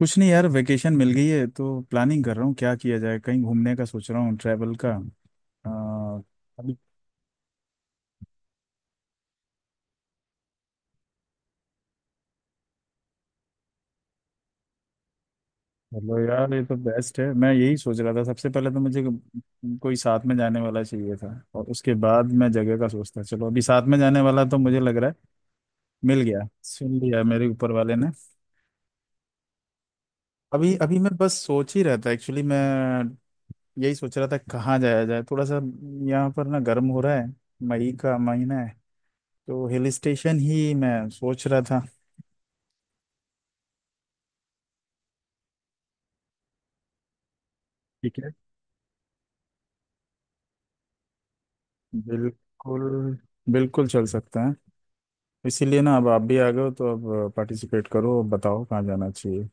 कुछ नहीं यार, वेकेशन मिल गई है तो प्लानिंग कर रहा हूँ क्या किया जाए। कहीं घूमने का सोच रहा हूँ, ट्रैवल का। आ, अभी। चलो यार, ये तो बेस्ट है। मैं यही सोच रहा था, सबसे पहले तो मुझे कोई साथ में जाने वाला चाहिए था और उसके बाद मैं जगह का सोचता। चलो, अभी साथ में जाने वाला तो मुझे लग रहा है मिल गया, सुन लिया मेरे ऊपर वाले ने। अभी अभी मैं बस सोच ही रहा था एक्चुअली। मैं यही सोच रहा था कहाँ जाया जाए, थोड़ा सा। यहाँ पर ना गर्म हो रहा है, मई का महीना है, तो हिल स्टेशन ही मैं सोच रहा था। बिल्कुल, बिल्कुल चल सकते हैं। इसीलिए ना, अब आप भी आ गए हो तो अब पार्टिसिपेट करो, अब बताओ कहाँ जाना चाहिए।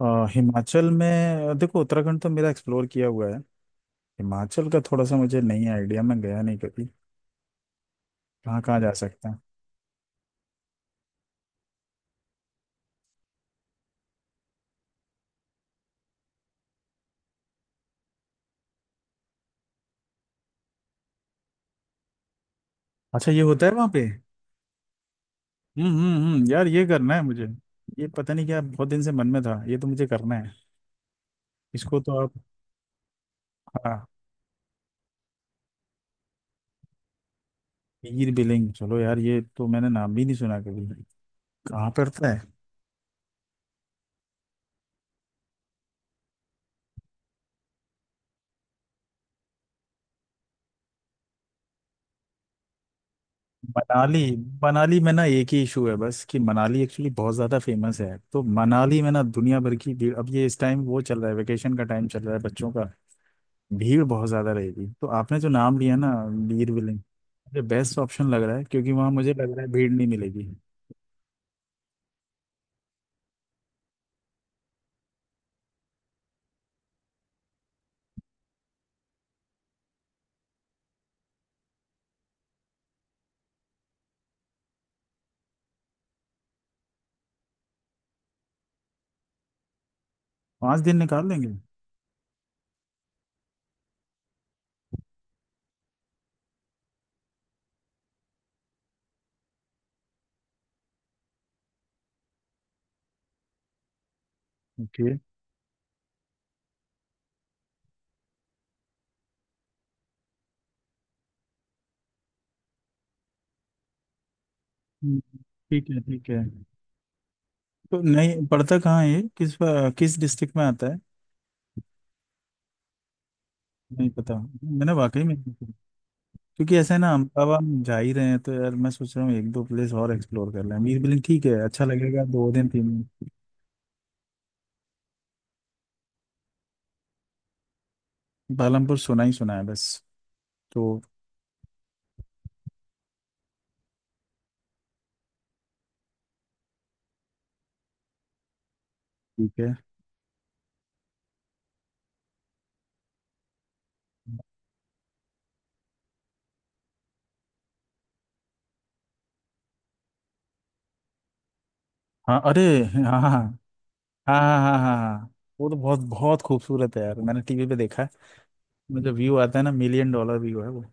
हिमाचल में देखो, उत्तराखंड तो मेरा एक्सप्लोर किया हुआ है। हिमाचल का थोड़ा सा मुझे नहीं आइडिया, मैं गया नहीं कभी, कहाँ कहाँ जा सकते हैं। अच्छा, ये होता है वहाँ पे। हम्म, हम्म, हम्म, यार ये करना है मुझे। ये पता नहीं क्या, बहुत दिन से मन में था, ये तो मुझे करना है। इसको तो आप हाँ, हीर बिलिंग। चलो यार, ये तो मैंने नाम भी नहीं सुना कभी, कहाँ पड़ता है। मनाली, मनाली में ना एक ही इशू है बस, कि मनाली एक्चुअली बहुत ज़्यादा फेमस है, तो मनाली में ना दुनिया भर की भीड़। अब ये इस टाइम वो चल रहा है, वेकेशन का टाइम चल रहा है बच्चों का। भीड़ बहुत ज़्यादा रहेगी। तो आपने जो नाम लिया ना, लीर विलेन, मुझे बेस्ट ऑप्शन लग रहा है, क्योंकि वहाँ मुझे लग रहा है भीड़ नहीं मिलेगी। 5 दिन निकाल लेंगे। ओके। हम्म, ठीक है, ठीक है। तो नहीं पड़ता कहाँ है ये, किस किस डिस्ट्रिक्ट में आता है। नहीं पता। मैंने वाकई में, क्योंकि ऐसा है ना, हम जा ही रहे हैं तो यार मैं सोच रहा हूँ एक दो प्लेस और एक्सप्लोर कर लें। बीर बिलिंग ठीक है, अच्छा लगेगा, 2 दिन 3 दिन। पालमपुर सुना ही सुना है, बस। तो ठीक है। हाँ अरे, हाँ हाँ हाँ, हाँ हाँ हाँ हाँ हाँ। वो तो बहुत बहुत खूबसूरत है यार, मैंने टीवी पे देखा है। मतलब व्यू आता है ना, मिलियन डॉलर व्यू है वो।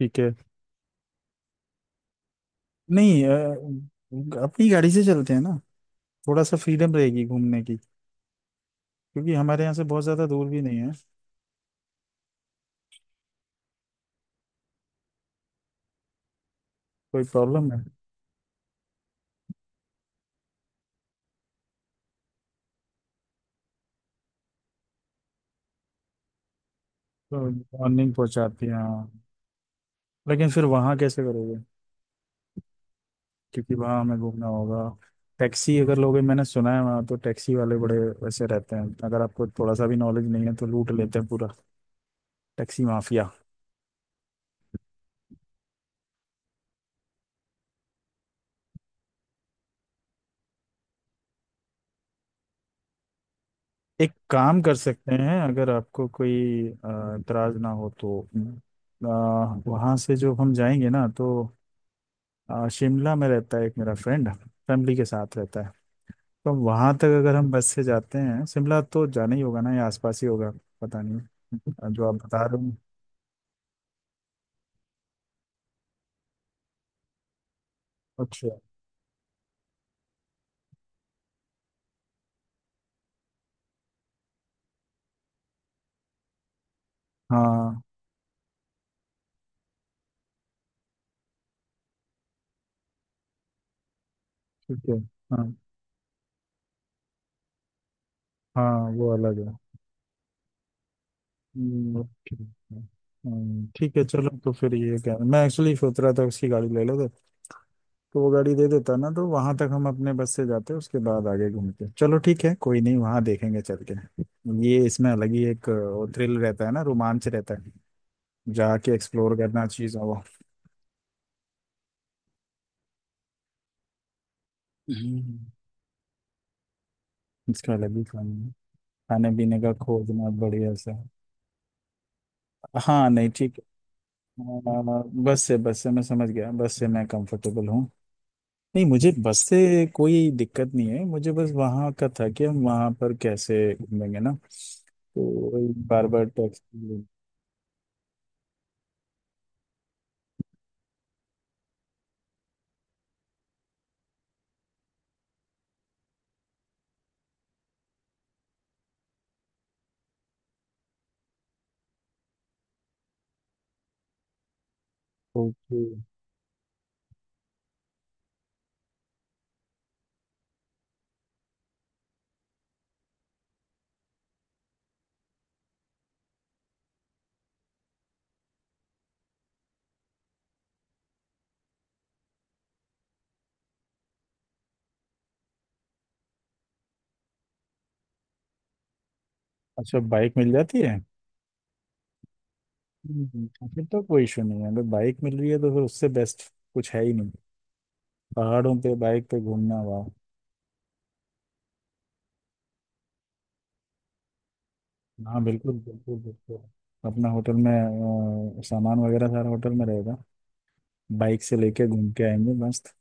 ठीक है। नहीं अपनी गाड़ी से चलते हैं ना, थोड़ा सा फ्रीडम रहेगी घूमने की, क्योंकि हमारे यहाँ से बहुत ज़्यादा दूर भी नहीं है। कोई प्रॉब्लम है? तो मॉर्निंग पहुँचाती है हाँ, लेकिन फिर वहाँ कैसे करोगे? क्योंकि वहाँ हमें घूमना होगा। टैक्सी अगर लोगे, मैंने सुना है वहाँ तो टैक्सी वाले बड़े वैसे रहते हैं, अगर आपको थोड़ा सा भी नॉलेज नहीं है तो लूट लेते हैं पूरा। Taxi mafia. एक काम कर सकते हैं, अगर आपको कोई इतराज ना हो तो। अ, वहाँ से जो हम जाएंगे ना, तो शिमला में रहता है एक मेरा फ्रेंड, फैमिली के साथ रहता है। तो हम वहाँ तक अगर हम बस से जाते हैं, शिमला तो जाना ही होगा ना, या आसपास ही होगा, पता नहीं। जो आप बता रहे हो। अच्छा, हाँ ठीक है, हाँ हाँ वो अलग है। ओके। ठीक है, चलो तो फिर, ये क्या, मैं एक्चुअली सोच रहा था उसकी गाड़ी ले लेते, तो वो गाड़ी दे देता ना, तो वहां तक हम अपने बस से जाते, उसके बाद आगे घूमते। चलो ठीक है, कोई नहीं, वहां देखेंगे चल के। ये इसमें अलग ही एक थ्रिल रहता है ना, रोमांच रहता है, जाके एक्सप्लोर करना चीज़ है वो। हम्म। इसका अलग ही काम है, खाने पीने का, खोजना बढ़िया सा। हाँ नहीं ठीक है। बस से मैं समझ गया, बस से मैं कंफर्टेबल हूँ। नहीं मुझे बस से कोई दिक्कत नहीं है, मुझे बस वहाँ का था कि हम वहाँ पर कैसे घूमेंगे ना, तो बार बार टैक्सी। ओके। अच्छा, बाइक मिल जाती है? हम्म, फिर तो कोई इशू नहीं है, अगर बाइक मिल रही है तो फिर उससे बेस्ट कुछ है ही नहीं। पहाड़ों पे बाइक पे घूमना, वाह! हाँ बिल्कुल, बिल्कुल, बिल्कुल। अपना होटल में सामान वगैरह सारा होटल में रहेगा, बाइक से लेके घूम के आएंगे, मस्त।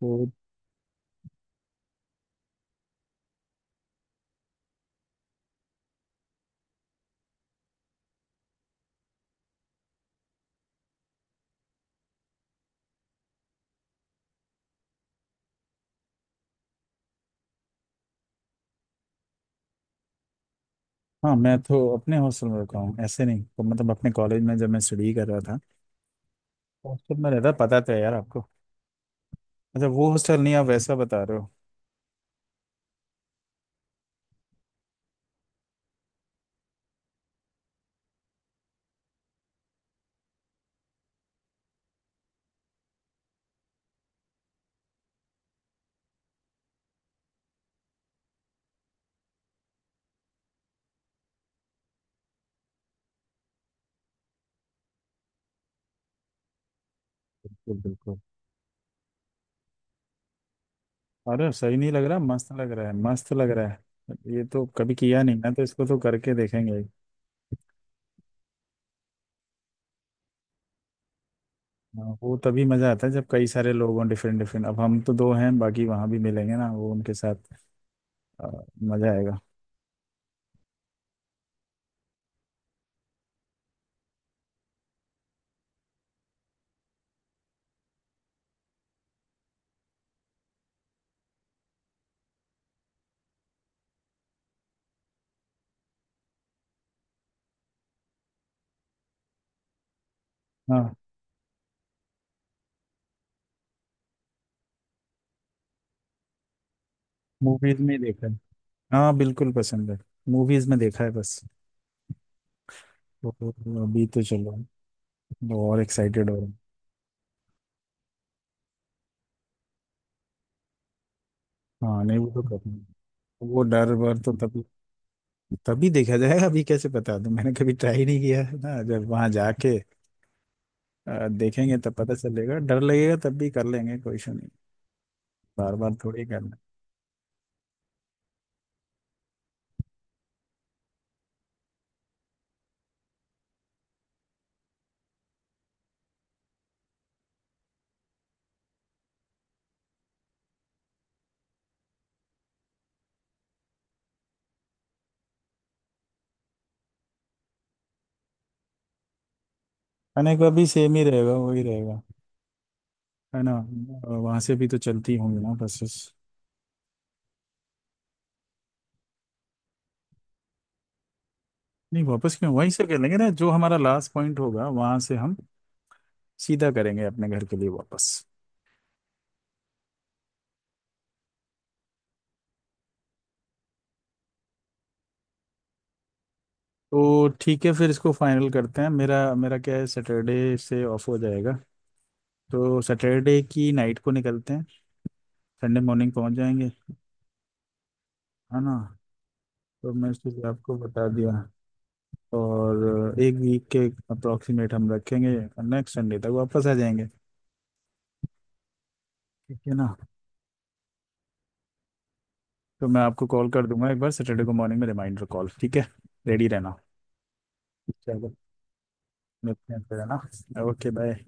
तो हाँ, मैं तो अपने हॉस्टल में रुका हूँ, ऐसे नहीं तो, मतलब, अपने कॉलेज में जब मैं स्टडी कर रहा था, हॉस्टल में रहता, पता तो है यार आपको। अच्छा, वो हॉस्टल नहीं, आप वैसा बता रहे हो। बिल्कुल, बिल्कुल। अरे सही नहीं लग रहा, मस्त लग रहा है, मस्त लग रहा है। ये तो कभी किया नहीं ना, तो इसको तो करके देखेंगे। हाँ, वो तभी मजा आता है जब कई सारे लोग हों, डिफरेंट डिफरेंट। अब हम तो दो हैं, बाकी वहां भी मिलेंगे ना, वो उनके साथ। आ, मजा आएगा। हाँ, मूवीज में ही देखा है। हाँ बिल्कुल पसंद है। मूवीज में देखा है बस। तो अभी तो, चलो, और एक्साइटेड हो रहा हूँ। हाँ नहीं, वो तो करना है। वो डर वर तो तभी तभी देखा जाएगा, अभी कैसे बता दूं? मैंने कभी ट्राई नहीं किया है ना, जब वहां जाके देखेंगे तब पता चलेगा, डर लगेगा तब भी कर लेंगे, कोई इशू नहीं। बार बार थोड़ी करना। खाने का भी सेम ही रहेगा, वही रहेगा, है ना? वहां से भी तो चलती होंगी ना बसेस। नहीं, वापस क्यों? वहीं से कर लेंगे ना, जो हमारा लास्ट पॉइंट होगा वहां से हम सीधा करेंगे अपने घर के लिए वापस। तो ठीक है फिर, इसको फाइनल करते हैं। मेरा मेरा क्या है, सैटरडे से ऑफ हो जाएगा। तो सैटरडे की नाइट को निकलते हैं, संडे मॉर्निंग पहुंच जाएंगे, है ना? तो मैं इसलिए आपको बता दिया। और एक वीक के अप्रोक्सीमेट हम रखेंगे, नेक्स्ट संडे तक वापस आ जाएंगे। ठीक है ना? तो मैं आपको कॉल कर दूंगा एक बार, सैटरडे को मॉर्निंग में, रिमाइंडर कॉल। ठीक है, रेडी रहना। चलो, मिलते हैं फिर, है ना? Okay, bye.